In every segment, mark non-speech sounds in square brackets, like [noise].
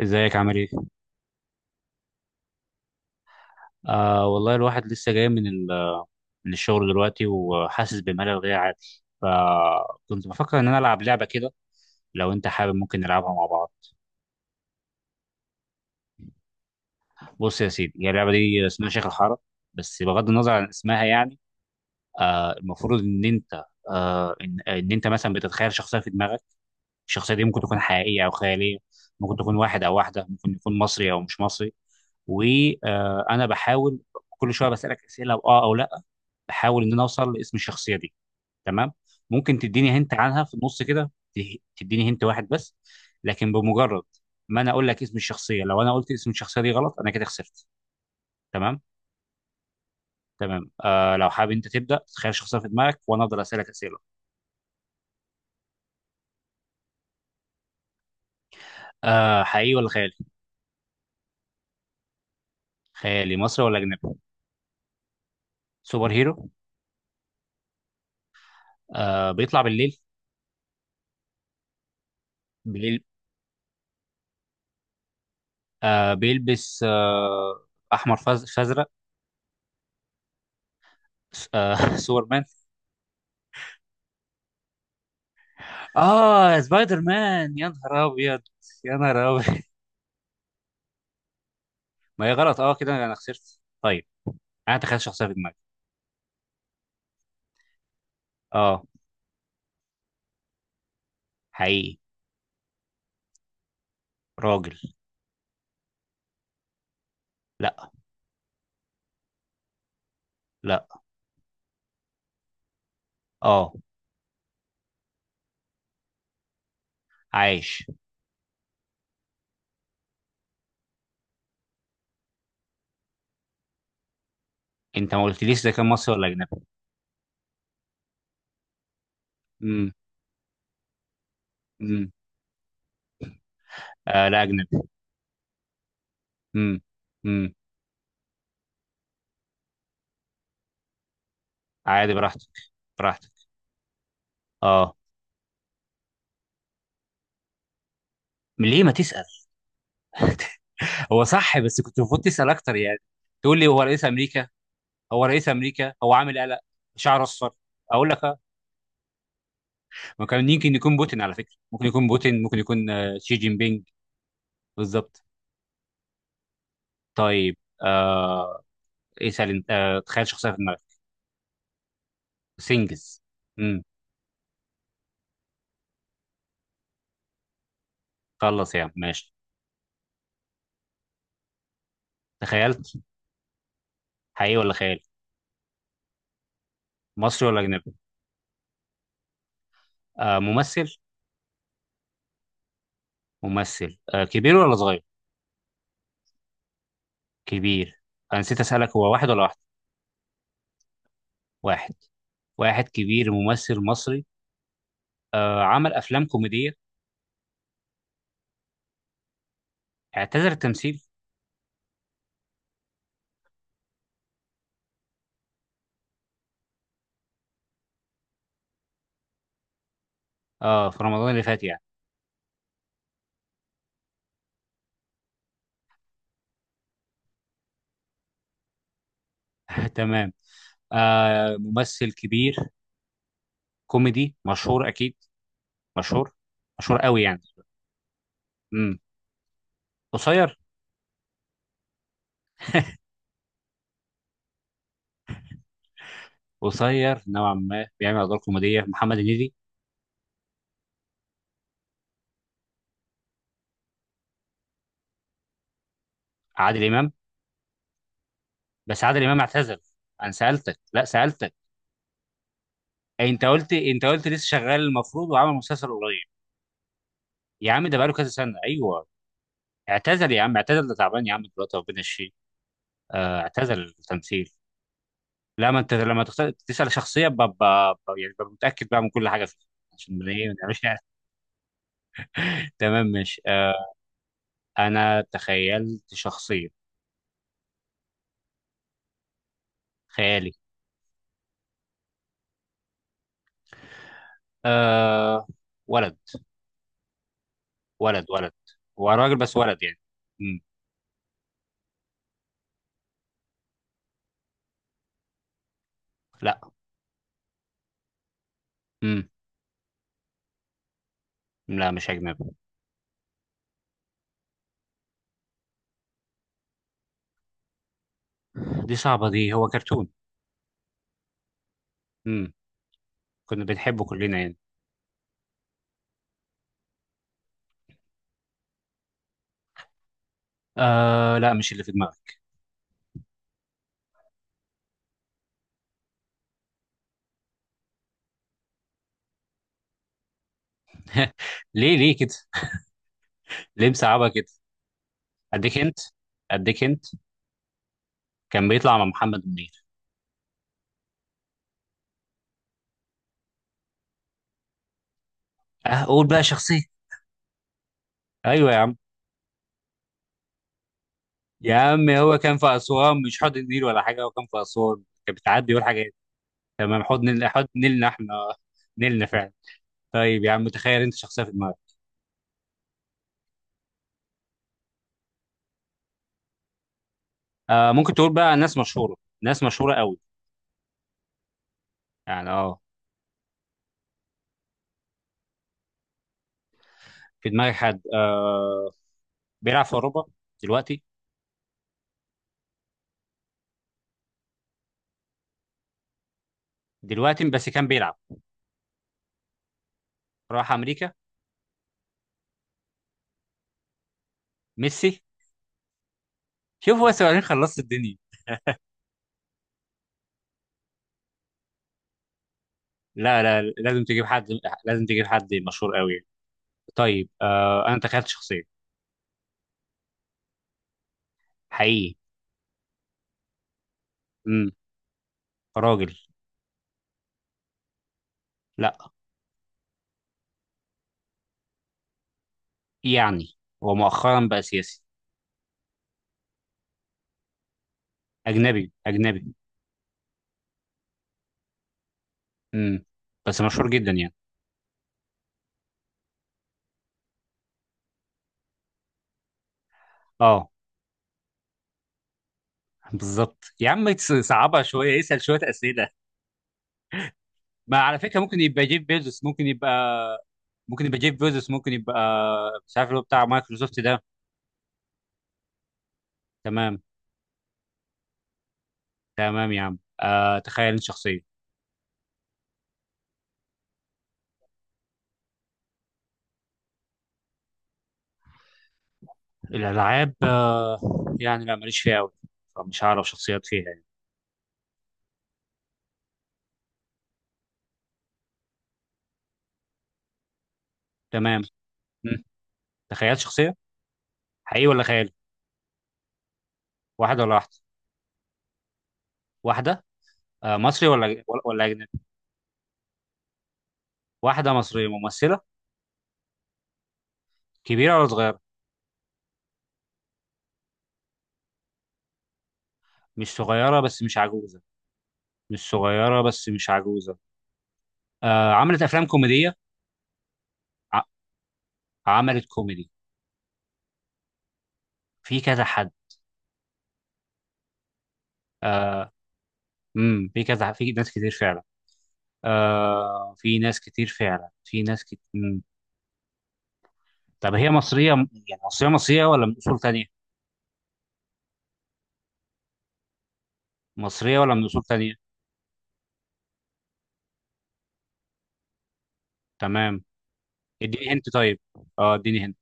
ازيك عامل ايه؟ والله الواحد لسه جاي من الشغل دلوقتي وحاسس بملل غير عادي، فكنت بفكر ان انا العب لعبه كده. لو انت حابب ممكن نلعبها مع بعض. بص يا سيدي، هي اللعبه دي اسمها شيخ الحاره، بس بغض النظر عن اسمها يعني. المفروض ان انت مثلا بتتخيل شخصيه في دماغك. الشخصيه دي ممكن تكون حقيقيه او خياليه. ممكن تكون واحد او واحده، ممكن يكون مصري او مش مصري. وانا بحاول كل شويه بسالك اسئله اه او لا، بحاول ان انا اوصل لاسم الشخصيه دي. تمام. ممكن تديني هنت عنها في النص كده، تديني هنت واحد بس، لكن بمجرد ما انا اقول لك اسم الشخصيه، لو انا قلت اسم الشخصيه دي غلط انا كده خسرت. تمام. تمام، لو حابب انت تبدا تخيل شخصيه في دماغك وانا افضل اسالك اسئله. حقيقي ولا خيالي؟ خيالي مصري ولا اجنبي؟ سوبر هيرو؟ بيطلع بالليل؟ بالليل. بيلبس احمر فازرق؟ آه، [laughs] سوبرمان؟ اه، سبايدر مان يا نهار ابيض! يا نهار ابيض! ما هي غلط، اه، كده انا خسرت طيب. انا تخيل شخصيه في دماغي. اه، حقيقي. راجل. لا. لا. اه، عايش. انت ما قلتليش ده كان مصري ولا اجنبي. امم امم لا، اجنبي. امم امم عادي، براحتك، براحتك. اه، ليه ما تسال. [laughs] هو صح، بس كنت المفروض تسال اكتر يعني. تقول لي هو رئيس امريكا. هو رئيس امريكا، هو عامل قلق، شعره اصفر. اقول لك ما كان يمكن يكون بوتين على فكره، ممكن يكون بوتين، ممكن يكون شي جين بينج. بالظبط. طيب. آه اسال انت. تخيل شخصيه في دماغك. سنجز. امم خلص يا عم ماشي. تخيلت. حقيقي ولا خيال؟ مصري ولا اجنبي؟ ممثل؟ ممثل، كبير ولا صغير؟ كبير. انا نسيت اسالك، هو واحد ولا واحد؟ واحد. واحد كبير ممثل مصري. عمل افلام كوميديه؟ اعتذر التمثيل. اه، في رمضان اللي فات يعني؟ [laughs] تمام. ممثل كبير كوميدي مشهور اكيد. مشهور. مشهور قوي يعني. امم قصير؟ قصير نوعا ما، بيعمل ادوار كوميديه، محمد هنيدي؟ عادل امام؟ بس عادل امام اعتزل. انا سالتك! لا، سالتك! أي انت قلت، انت قلت لسه شغال المفروض وعمل مسلسل قريب. يا عم ده بقاله كذا سنه، ايوه. اعتزل يا عم، اعتزل، ده تعبان يا عم دلوقتي، ربنا يشفيه. اعتزل التمثيل. لا، ما انت لما تختار تسال شخصيه ببقى يعني ببقى متاكد بقى من كل حاجه فيها. عشان ما ايه، ما نعملش يعني. [laughs] تمام ماشي. انا تخيلت شخصيه. خيالي. أه. ولد. ولد، ولد. هو راجل بس ولد يعني. مم. لا. مم. لا، مش اجنبي. دي صعبه دي، هو كرتون. امم كنا بنحبه كلنا يعني. لا، مش اللي في دماغك. [laughs] ليه، ليه كده؟ ليه مصعبها كده؟ اديك انت. اديك انت. كان بيطلع مع محمد منير. اه، قول بقى شخصية. ايوه يا عم. يا عم هو كان في اسوان مش حوض النيل ولا حاجة، هو كان في اسوان، كان بتعدي يقول حاجات. تمام، حوض نيل، حوض نيلنا احنا. [laughs] نيلنا فعلا. طيب يا عم، تخيل انت شخصية في دماغك. ممكن تقول بقى ناس مشهورة. ناس مشهورة قوي يعني. اه، في دماغك حد. بيلعب في اوروبا دلوقتي؟ دلوقتي؟ بس كان بيلعب. راح امريكا. ميسي؟ شوف، هو سؤالين خلصت الدنيا. لا، لا، لازم تجيب حد. لازم تجيب حد مشهور قوي يعني. طيب. انا تخيلت شخصيه. حقيقي. امم راجل. لا. يعني هو مؤخرا بقى سياسي. اجنبي، اجنبي. امم بس مشهور جدا يعني. اه. بالظبط يا عم، صعبها شويه، اسال شويه اسئله. ما على فكره ممكن يبقى جيف بيزوس، ممكن يبقى جيف بيزوس، ممكن يبقى، مش عارف اللي هو بتاع مايكروسوفت ده. تمام. تمام يا عم. تخيل شخصيه. الألعاب يعني لا، ماليش فيها أوي. فمش هعرف شخصيات فيها يعني. تمام. مم. تخيلت شخصية. حقيقي ولا خيالي؟ واحدة ولا واحدة؟ واحدة. مصري ولا أجنبي؟ واحدة مصرية ممثلة. كبيرة ولا صغيرة؟ مش صغيرة بس مش عجوزة. مش صغيرة بس مش عجوزة. عملت أفلام كوميدية. ع- عملت كوميدي في كذا حد. في كذا، في ناس كتير فعلا. في ناس كتير فعلا، في ناس كتير. طب هي مصرية يعني؟ مصرية مصرية ولا من أصول تانية؟ مصرية ولا من أصول تانية؟ تمام. اديني هنت طيب. اه اديني هنت.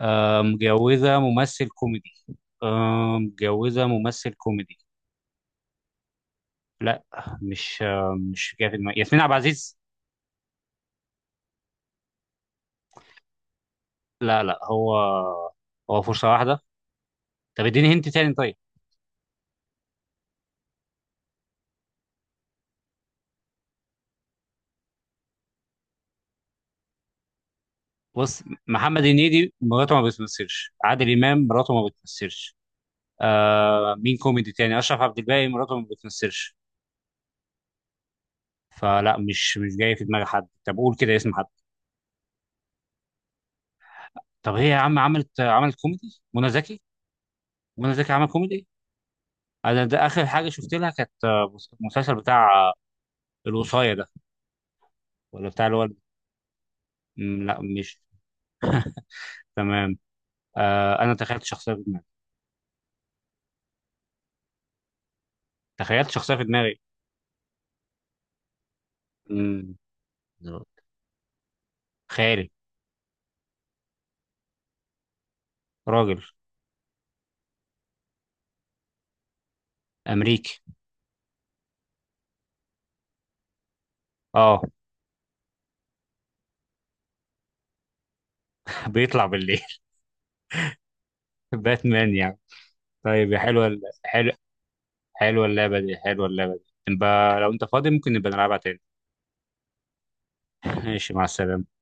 متجوزة ممثل كوميدي؟ متجوزة ممثل كوميدي. لا. مش جاي في دماغي. ياسمين عبد العزيز؟ لا، لا، هو فرصة واحدة. طب اديني هنت تاني طيب. بص، محمد هنيدي مراته ما بتمثلش، عادل إمام مراته ما بتمثلش. مين كوميدي تاني؟ أشرف عبد الباقي مراته ما بتمثلش. فلا، مش جاي في دماغي حد. طب قول كده اسم حد. طب هي يا عم عملت كوميدي؟ منى زكي؟ منى زكي عمل كوميدي؟ انا ده اخر حاجه شفت لها كانت، المسلسل بتاع الوصايه ده، ولا بتاع اللي هو. مم، لا، مش. تمام. انا تخيلت شخصيه في دماغي. تخيلت شخصيه في دماغي. مم، لا. خيالي. راجل. امريكي. اه. بيطلع بالليل. [laughs] باتمان يعني. طيب يا حلوه، حلو. حلوه اللعبه دي، حلوه اللعبه دي، نبقى لو انت فاضي ممكن نبقى نلعبها تاني. ماشي، مع السلامه.